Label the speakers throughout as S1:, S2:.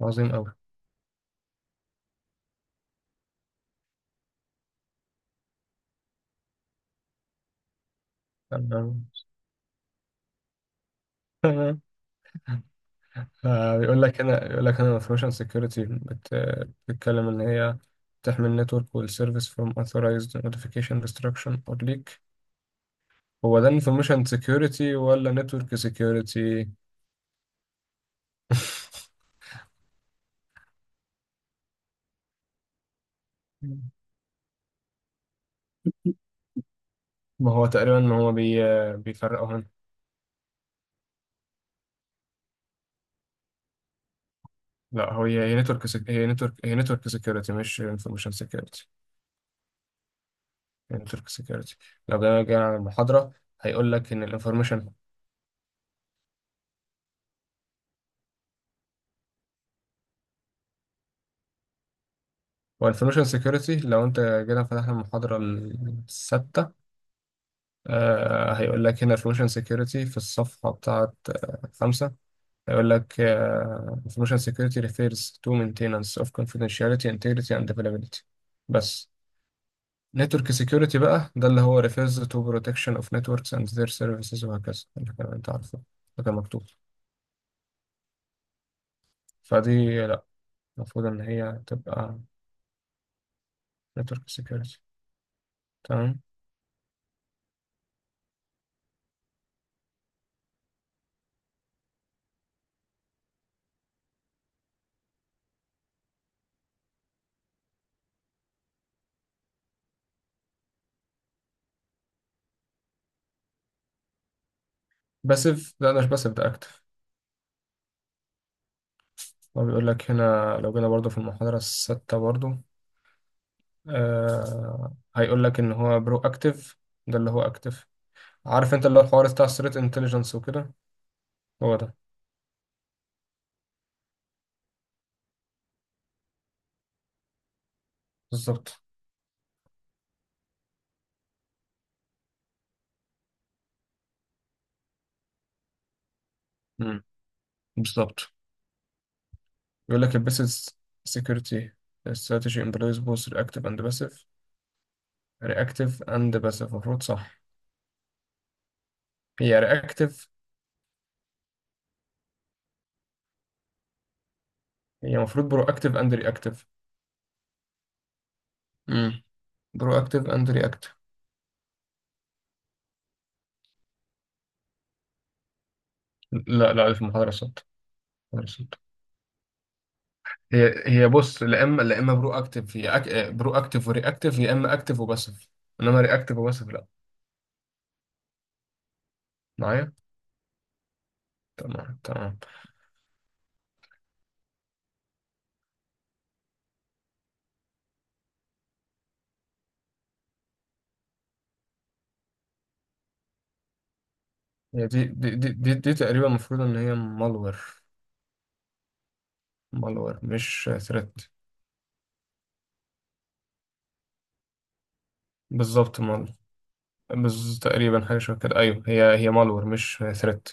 S1: عظيم أوي. تمام، تمام. فبيقول لك هنا الانفورميشن سكيورتي بتتكلم إن هي تحمي النتورك والسيرفيس from authorized notification destruction or leak. هو ده انفورميشن سكيورتي ولا نتورك سكيورتي؟ ما هو تقريبا ما هو بي... بيفرقوا هنا. لا، هو هي نتورك سكيورتي مش انفورميشن سكيورتي. هي نتورك سكيورتي. لو جينا على المحاضرة هيقول لك إن الانفورميشن سيكيورتي. لو انت جينا فتحنا المحاضرة الستة، هيقول لك هنا انفورميشن سيكيورتي في الصفحة بتاعة خمسة. هيقول لك انفورميشن سيكيورتي refers to maintenance of confidentiality, integrity and availability، بس. نتورك سيكيورتي بقى ده اللي هو refers to protection of networks and their services، وهكذا اللي كان انت عارفه. ده كان مكتوب. فدي لا، المفروض ان هي تبقى نتورك سيكيورتي. تمام. باسيف ده مش باسيف، ده اكتف. هو بيقول لك هنا لو جينا برضو في المحاضرة الستة برضو، هيقول لك إن هو برو أكتيف. ده اللي هو أكتيف. عارف أنت اللي هو الحوار بتاع ثريت انتليجنس وكده. هو ده بالظبط. مم. بالظبط. بيقول لك البيسز سيكيورتي استراتيجي امبلويز بوث رياكتيف اند باسيف. رياكتيف اند باسيف المفروض، صح؟ هي رياكتيف، هي المفروض برو اكتيف اند رياكتيف. امم برو اكتيف اند رياكتيف. لا لا، في المحاضرة الصوت. هي بص، لا اما لا اما برو اكتف، برو اكتف وري اكتف، يا اما اكتف وباسف. انما ري اكتف وباسف لا. معايا؟ تمام، تمام. هي دي تقريبا المفروض ان هي مالور. مالور مش ثريت. بالظبط. تقريبا حاجه شبه كده، ايوه، هي مالور مش ثريت.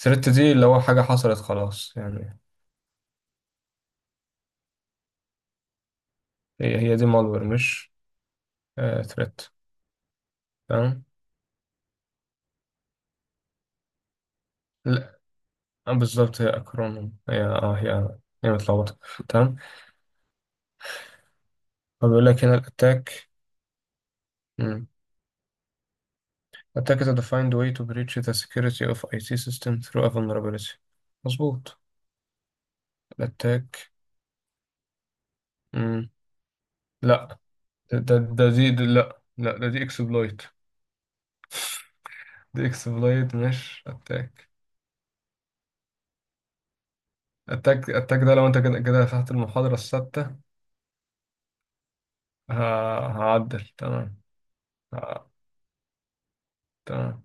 S1: ثريت دي اللي هو حاجه حصلت خلاص يعني. هي دي مالور مش ثريت. تمام. لا، آه، بالظبط هي اكرونيم، هي اه هي هي متلخبطه. تمام. فبيقول لك هنا الاتاك. مم. attackers defined way to breach the security of IT system through a vulnerability. مظبوط. الاتاك. مم. لا، ده لا. لا، ده دي اكسبلويت. دي اكسبلويت مش اتاك. اتاك ده لو انت كده كده فتحت المحاضرة الثابتة. هعدل. تمام. ه- تمام.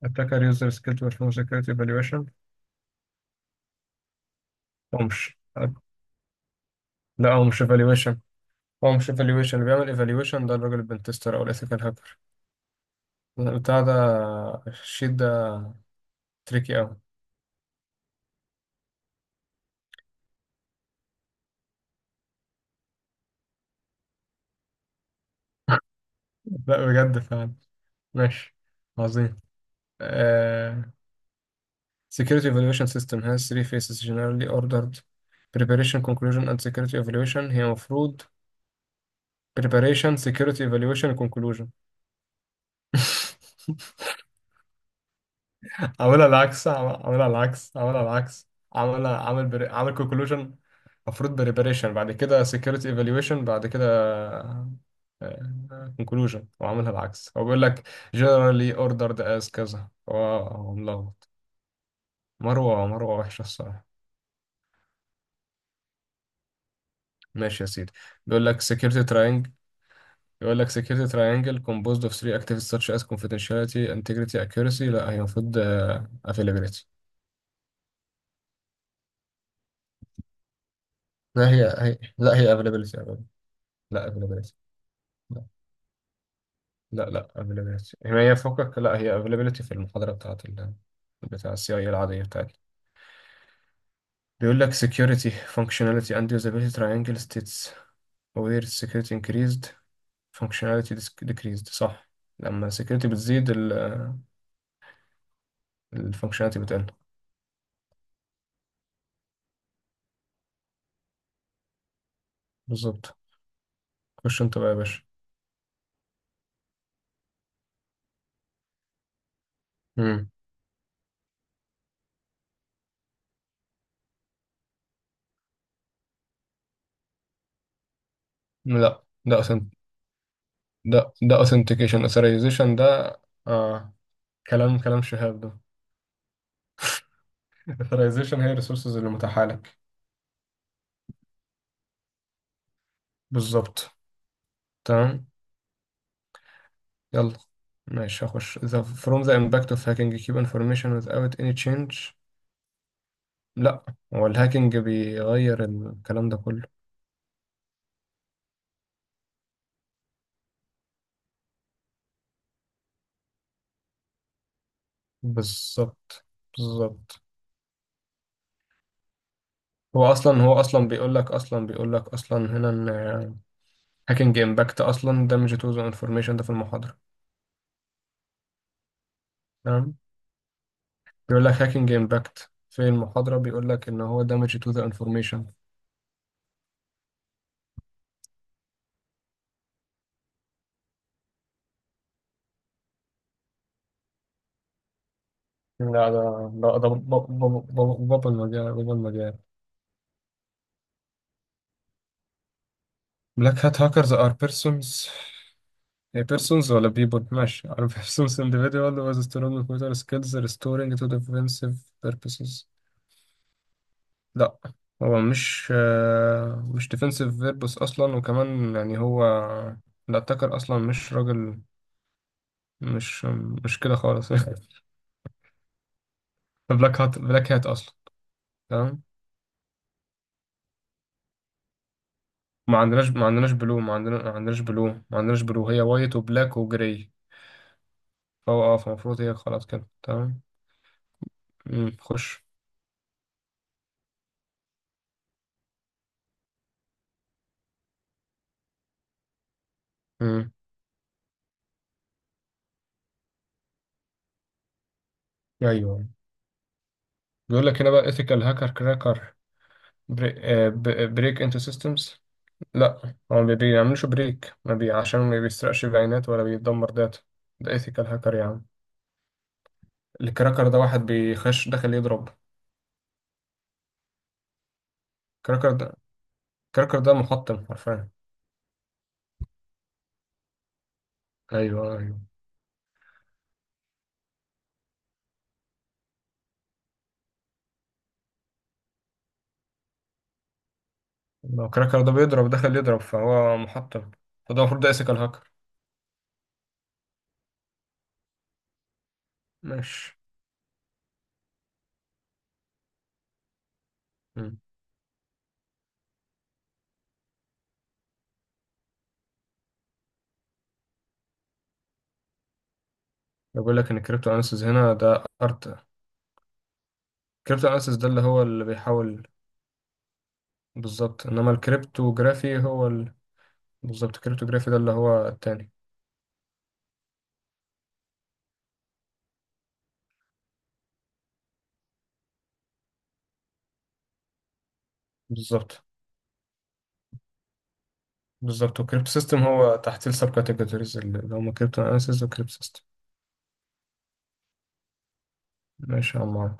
S1: attacker user skill to perform security evaluation. هو مش لا هو مش evaluation. هو مش evaluation، اللي بيعمل evaluation ده الراجل البنتستر او الethical hacker بتاع ده. الشيت ده تريكي أوي. لا، بجد فعلا. ماشي. عظيم. uh, security evaluation system has three phases generally ordered preparation conclusion and security evaluation. هي مفروض preparation security evaluation conclusion. عملها العكس، عملها العكس. عمل كونكلوجن. المفروض بريباريشن، بعد كده سكيورتي ايفالويشن، بعد كده كونكلوجن، وعملها العكس. هو بيقول لك generally ordered as كذا. هو ملخبط. مروة وحشة الصراحة. ماشي يا سيدي. بيقول لك security triangle. يقول لك security triangle composed of three activities such as confidentiality integrity accuracy. لا، هي المفروض آه، availability. لا، هي availability، availability. لا availability. لا لا، availability، هي فوقك، لا، هي availability في المحاضرة بتاعت ال... بتاع السي اي العادية بتاعتي. بيقول لك security functionality and usability triangle states where security increased functionality decreased، صح. لما security بتزيد ال functionality بتقل. بالظبط. خش انت بقى يا باشا. مم. لا، ده authentication، authorization ده. آه. كلام شهاب ده. authorization هي الريسورسز اللي متاحة لك. بالظبط. تمام. يلا. ماشي، هخش. the from the impact of hacking keep information without any change. لا، هو الهاكينج بيغير الكلام ده كله. بالظبط، بالظبط. هو اصلا هو اصلا بيقول لك اصلا بيقول لك اصلا هنا ان هاكينج امباكت اصلا damage to the information ده في المحاضرة. تمام. بيقول لك هاكينج امباكت في المحاضرة، بيقول لك ان هو damage to the information. لا، ده بابل مجال، بابل مجال. Black hat hackers are persons، بيرسونز ولا بيبول، ماشي على بيرسونز، individual with strong motor skills restoring to defensive purposes. لا، هو مش مش defensive purpose أصلا، وكمان يعني هو الأتاكر أصلا مش راجل. مش مش كده خالص. بلاك هات أصلا. تمام. ما عندناش ما عندناش بلو ما عندنا ما عندناش بلو ما عندناش بلو، هي وايت وبلاك وجراي. فهو اه فالمفروض هي خلاص كده. تمام. مم. خش. مم. ايوه. بيقول لك هنا بقى ethical hacker cracker، بري... بريك انتو سيستمز. لا، هو ما بيعملوش بريك، ما بي... عشان ما بيسرقش بيانات ولا بيدمر داتا. ده ايثيكال هاكر يا عم. الكراكر ده واحد بيخش داخل يضرب. كراكر ده كراكر ده محطم حرفيا. ايوه، ايوه. لو كراكر ده بيضرب داخل يضرب فهو محطم. فده المفروض ده ايثيكال هاكر. ماشي. مم. بقول لك ان الكريبتو اناليسيس هنا ده ارت. الكريبتو اناليسيس ده اللي هو اللي بيحاول. بالظبط، انما الكريبتو جرافي هو ال... بالظبط، الكريبتو جرافي ده اللي هو التاني. بالظبط، بالظبط. والكريبتو سيستم هو تحت السب كاتيجوريز اللي هم كريبتو اناليسيز وكريبتو سيستم. ماشي يا عم.